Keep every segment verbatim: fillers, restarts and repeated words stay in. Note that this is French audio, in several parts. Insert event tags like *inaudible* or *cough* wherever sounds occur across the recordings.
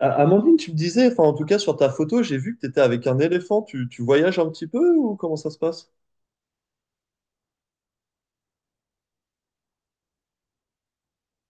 A- Amandine, tu me disais, enfin en tout cas sur ta photo, j'ai vu que tu étais avec un éléphant. Tu, tu voyages un petit peu ou comment ça se passe?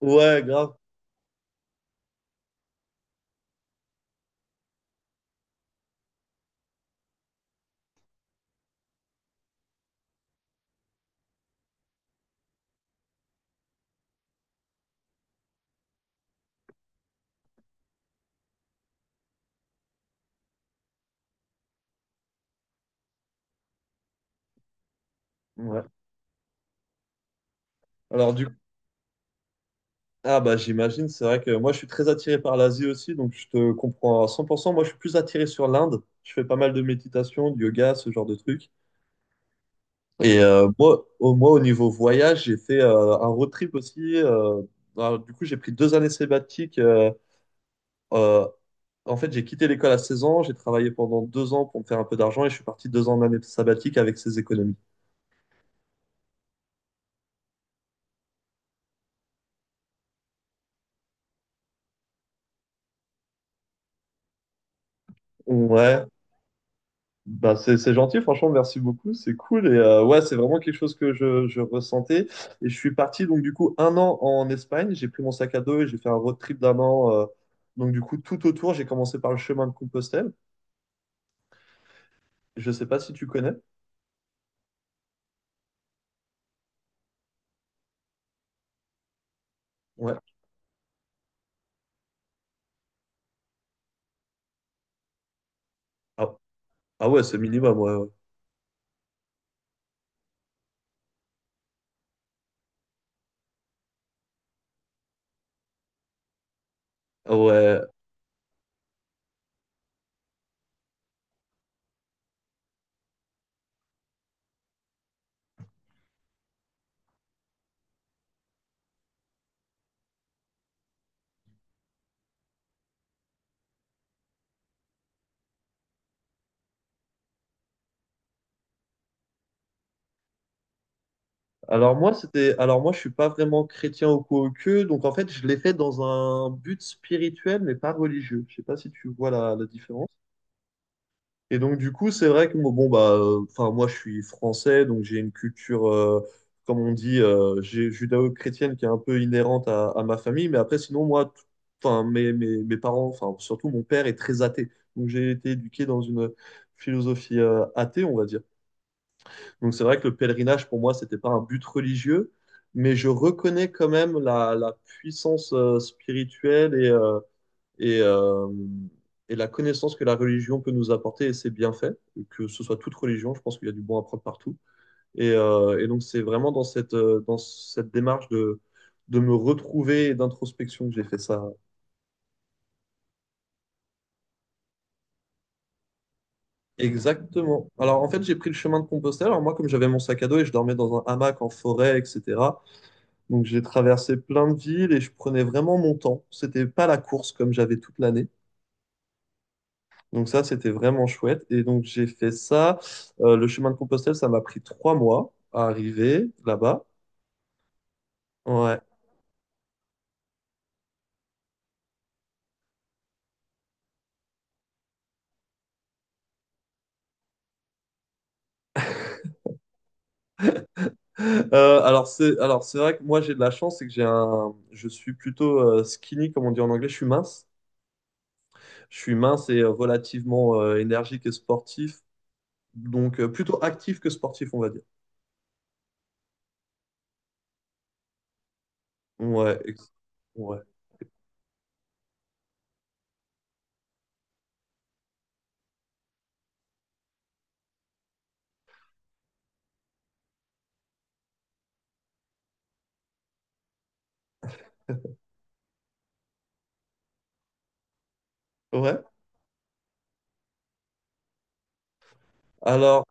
Ouais, grave. Ouais. Alors du ah bah j'imagine, c'est vrai que moi je suis très attiré par l'Asie aussi, donc je te comprends à cent pour cent. Moi je suis plus attiré sur l'Inde. Je fais pas mal de méditation, de yoga, ce genre de trucs. Et euh, moi, au, moi, au niveau voyage, j'ai fait euh, un road trip aussi. Euh, alors, du coup, j'ai pris deux années sabbatiques. Euh, En fait, j'ai quitté l'école à seize ans, j'ai travaillé pendant deux ans pour me faire un peu d'argent et je suis parti deux ans en année sabbatique avec ces économies. Ouais, bah c'est c'est gentil, franchement, merci beaucoup, c'est cool. Et euh, ouais, c'est vraiment quelque chose que je, je ressentais. Et je suis parti donc du coup un an en Espagne, j'ai pris mon sac à dos et j'ai fait un road trip d'un an. Euh, donc du coup, tout autour, j'ai commencé par le chemin de Compostelle. Je sais pas si tu connais. Ouais. Ah, ah ouais, c'est minimum, ouais. Ouais. Ouais. Alors moi, c'était, alors moi, je suis pas vraiment chrétien au coup au que, donc en fait, je l'ai fait dans un but spirituel, mais pas religieux. Je sais pas si tu vois la, la différence. Et donc du coup, c'est vrai que moi, bon bah, euh, enfin moi, je suis français, donc j'ai une culture, euh, comme on dit, euh, j'ai- judéo-chrétienne qui est un peu inhérente à, à ma famille. Mais après, sinon moi, tout- enfin mes, mes, mes parents, enfin surtout mon père est très athée, donc j'ai été éduqué dans une philosophie euh, athée, on va dire. Donc c'est vrai que le pèlerinage, pour moi, c'était pas un but religieux, mais je reconnais quand même la, la puissance euh, spirituelle et, euh, et, euh, et la connaissance que la religion peut nous apporter et ses bienfaits, que ce soit toute religion, je pense qu'il y a du bon à prendre partout. Et, euh, et donc c'est vraiment dans cette, euh, dans cette démarche de, de me retrouver et d'introspection que j'ai fait ça. Exactement. Alors en fait, j'ai pris le chemin de Compostelle. Alors moi, comme j'avais mon sac à dos et je dormais dans un hamac en forêt, et cetera Donc j'ai traversé plein de villes et je prenais vraiment mon temps. C'était pas la course comme j'avais toute l'année. Donc ça, c'était vraiment chouette. Et donc j'ai fait ça. Euh, le chemin de Compostelle, ça m'a pris trois mois à arriver là-bas. Ouais. *laughs* Euh, alors c'est alors c'est vrai que moi j'ai de la chance, c'est que j'ai un je suis plutôt euh, skinny comme on dit en anglais, je suis mince. Je suis mince et euh, relativement euh, énergique et sportif, donc euh, plutôt actif que sportif, on va dire. Ouais, ex- ouais. Ouais. Alors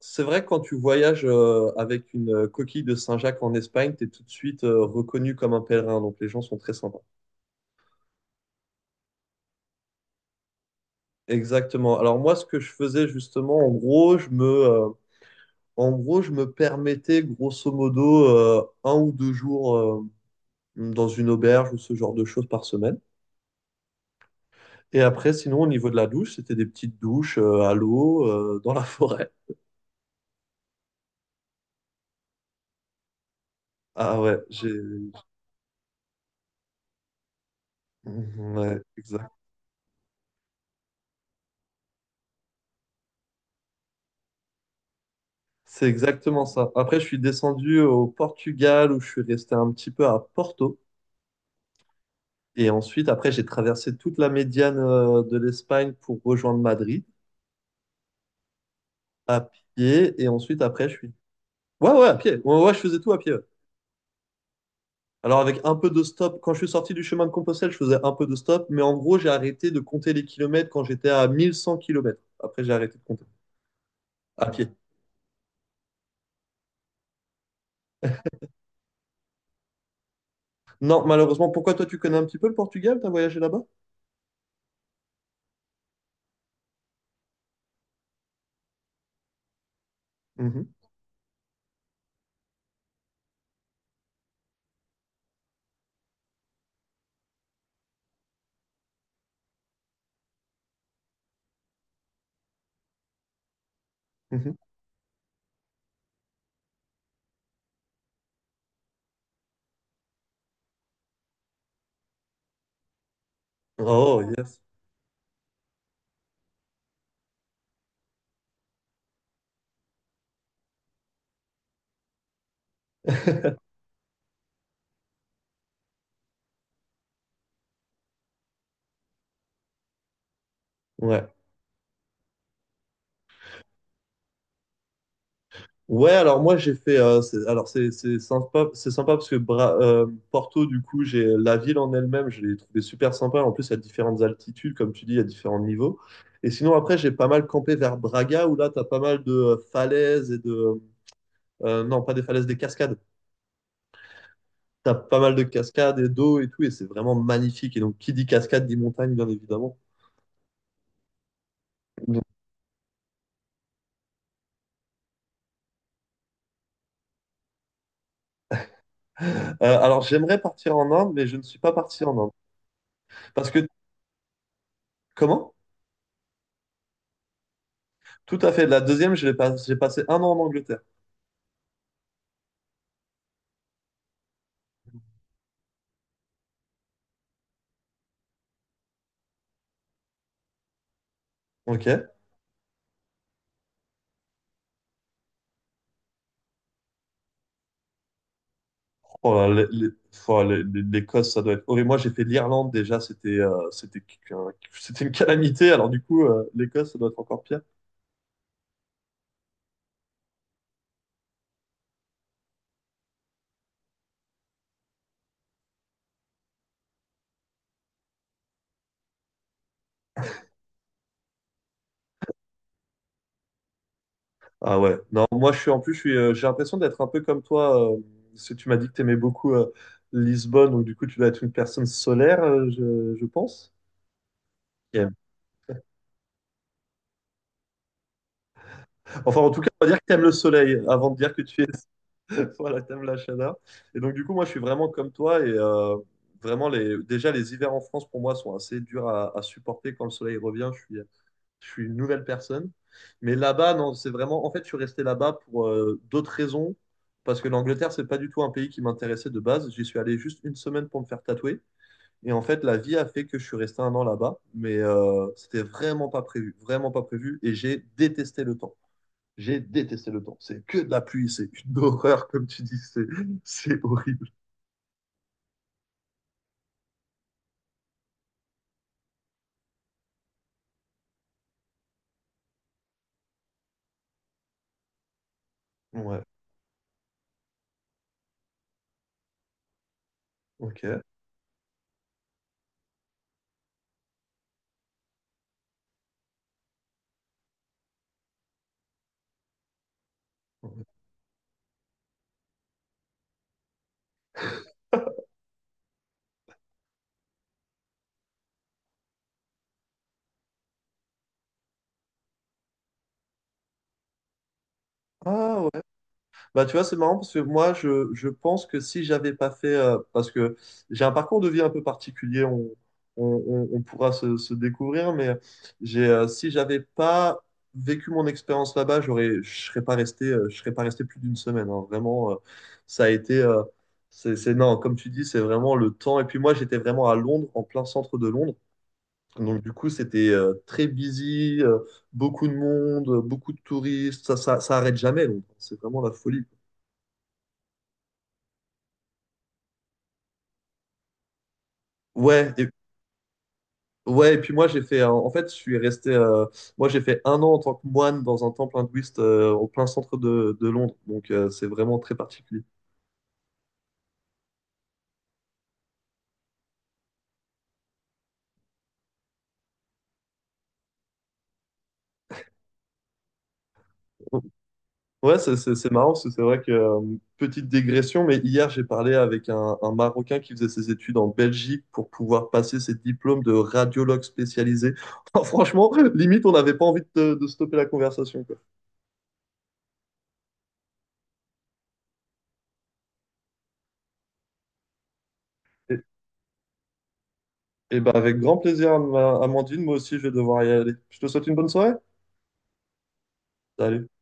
c'est vrai que quand tu voyages euh, avec une euh, coquille de Saint-Jacques en Espagne, tu es tout de suite euh, reconnu comme un pèlerin. Donc les gens sont très sympas. Exactement. Alors moi, ce que je faisais justement, en gros, je me, euh, en gros, je me permettais grosso modo euh, un ou deux jours euh, dans une auberge ou ce genre de choses par semaine. Et après, sinon, au niveau de la douche, c'était des petites douches euh, à l'eau, euh, dans la forêt. Ah ouais, j'ai... Ouais, c'est exactement ça. Après, je suis descendu au Portugal où je suis resté un petit peu à Porto. Et ensuite, après, j'ai traversé toute la médiane euh, de l'Espagne pour rejoindre Madrid à pied. Et ensuite, après, je suis... Ouais, ouais, à pied. Ouais, ouais, je faisais tout à pied. Ouais. Alors, avec un peu de stop, quand je suis sorti du chemin de Compostelle, je faisais un peu de stop. Mais en gros, j'ai arrêté de compter les kilomètres quand j'étais à mille cent kilomètres. Après, j'ai arrêté de compter à pied. Non, malheureusement, pourquoi toi, tu connais un petit peu le Portugal? T'as voyagé là-bas? Mhm, mhm. Oh, yes. *laughs* Ouais. Ouais, alors moi j'ai fait. Euh, c'est- alors c'est c'est sympa, c'est sympa parce que Bra- euh, Porto, du coup, j'ai la ville en elle-même, je l'ai trouvé super sympa. En plus, à différentes altitudes, comme tu dis, à différents niveaux. Et sinon, après, j'ai pas mal campé vers Braga où là, t'as pas mal de euh, falaises et de. Euh, non, pas des falaises, des cascades. T'as pas mal de cascades et d'eau et tout, et c'est vraiment magnifique. Et donc, qui dit cascade dit montagne, bien évidemment. Euh, alors, j'aimerais partir en Inde, mais je ne suis pas parti en Inde. Parce que, comment? Tout à fait. La deuxième, je l'ai pas- j'ai passé un an en Angleterre. Ok. Oh là, les- les- oh, les- l'Écosse, ça doit être horrible. Moi, j'ai fait l'Irlande déjà, c'était euh, c'était qu'un- c'était une calamité. Alors du coup, euh, l'Écosse, ça doit être encore pire. Ah ouais. Non, moi, je suis en plus, je suis, euh, j'ai l'impression d'être un peu comme toi. Euh, parce tu m'as dit que t'aimais beaucoup euh, Lisbonne, donc du coup, tu dois être une personne solaire, euh, je, je pense. Qui aime. Enfin, en tout cas, on va dire que t'aimes le soleil avant de dire que tu es. *laughs* Voilà, t'aimes la chaleur. Et donc du coup, moi, je suis vraiment comme toi et euh, vraiment les. Déjà, les hivers en France pour moi sont assez durs à, à supporter quand le soleil revient. Je suis je suis une nouvelle personne. Mais là-bas, non, c'est vraiment. En fait, je suis resté là-bas pour euh, d'autres raisons. Parce que l'Angleterre, c'est pas du tout un pays qui m'intéressait de base. J'y suis allé juste une semaine pour me faire tatouer. Et en fait, la vie a fait que je suis resté un an là-bas. Mais euh, c'était vraiment pas prévu. Vraiment pas prévu. Et j'ai détesté le temps. J'ai détesté le temps. C'est que de la pluie. C'est une *laughs* horreur, comme tu dis. C'est c'est horrible. Ouais. Ok. Ouais. Ah ouais. Bah, tu vois, c'est marrant parce que moi, je, je pense que si j'avais pas fait, euh, parce que j'ai un parcours de vie un peu particulier, on, on, on- on pourra se, se découvrir, mais j'ai, euh, si j'avais pas vécu mon expérience là-bas, j'aurais, je serais pas resté, euh, je serais pas resté plus d'une semaine. Hein. Vraiment, euh, ça a été, euh, c'est, c'est, non, comme tu dis, c'est vraiment le temps. Et puis moi, j'étais vraiment à Londres, en plein centre de Londres. Donc du coup, c'était euh, très busy, euh, beaucoup de monde, beaucoup de touristes. Ça, ça, ça arrête jamais. Londres. C'est vraiment la folie. Ouais, et, ouais, et puis moi j'ai fait, euh, en fait je suis resté, euh, moi j'ai fait un an en tant que moine dans un temple hindouiste euh, au plein centre de, de Londres, donc euh, c'est vraiment très particulier. Ouais, c'est c'est- c'est marrant, parce que c'est vrai que, euh, petite digression, mais hier j'ai parlé avec un, un Marocain qui faisait ses études en Belgique pour pouvoir passer ses diplômes de radiologue spécialisé. *laughs* Franchement, limite on n'avait pas envie de, de stopper la conversation, quoi. Et, et ben avec grand plaisir, Am- Amandine, moi aussi je vais devoir y aller. Je te souhaite une bonne soirée. Salut.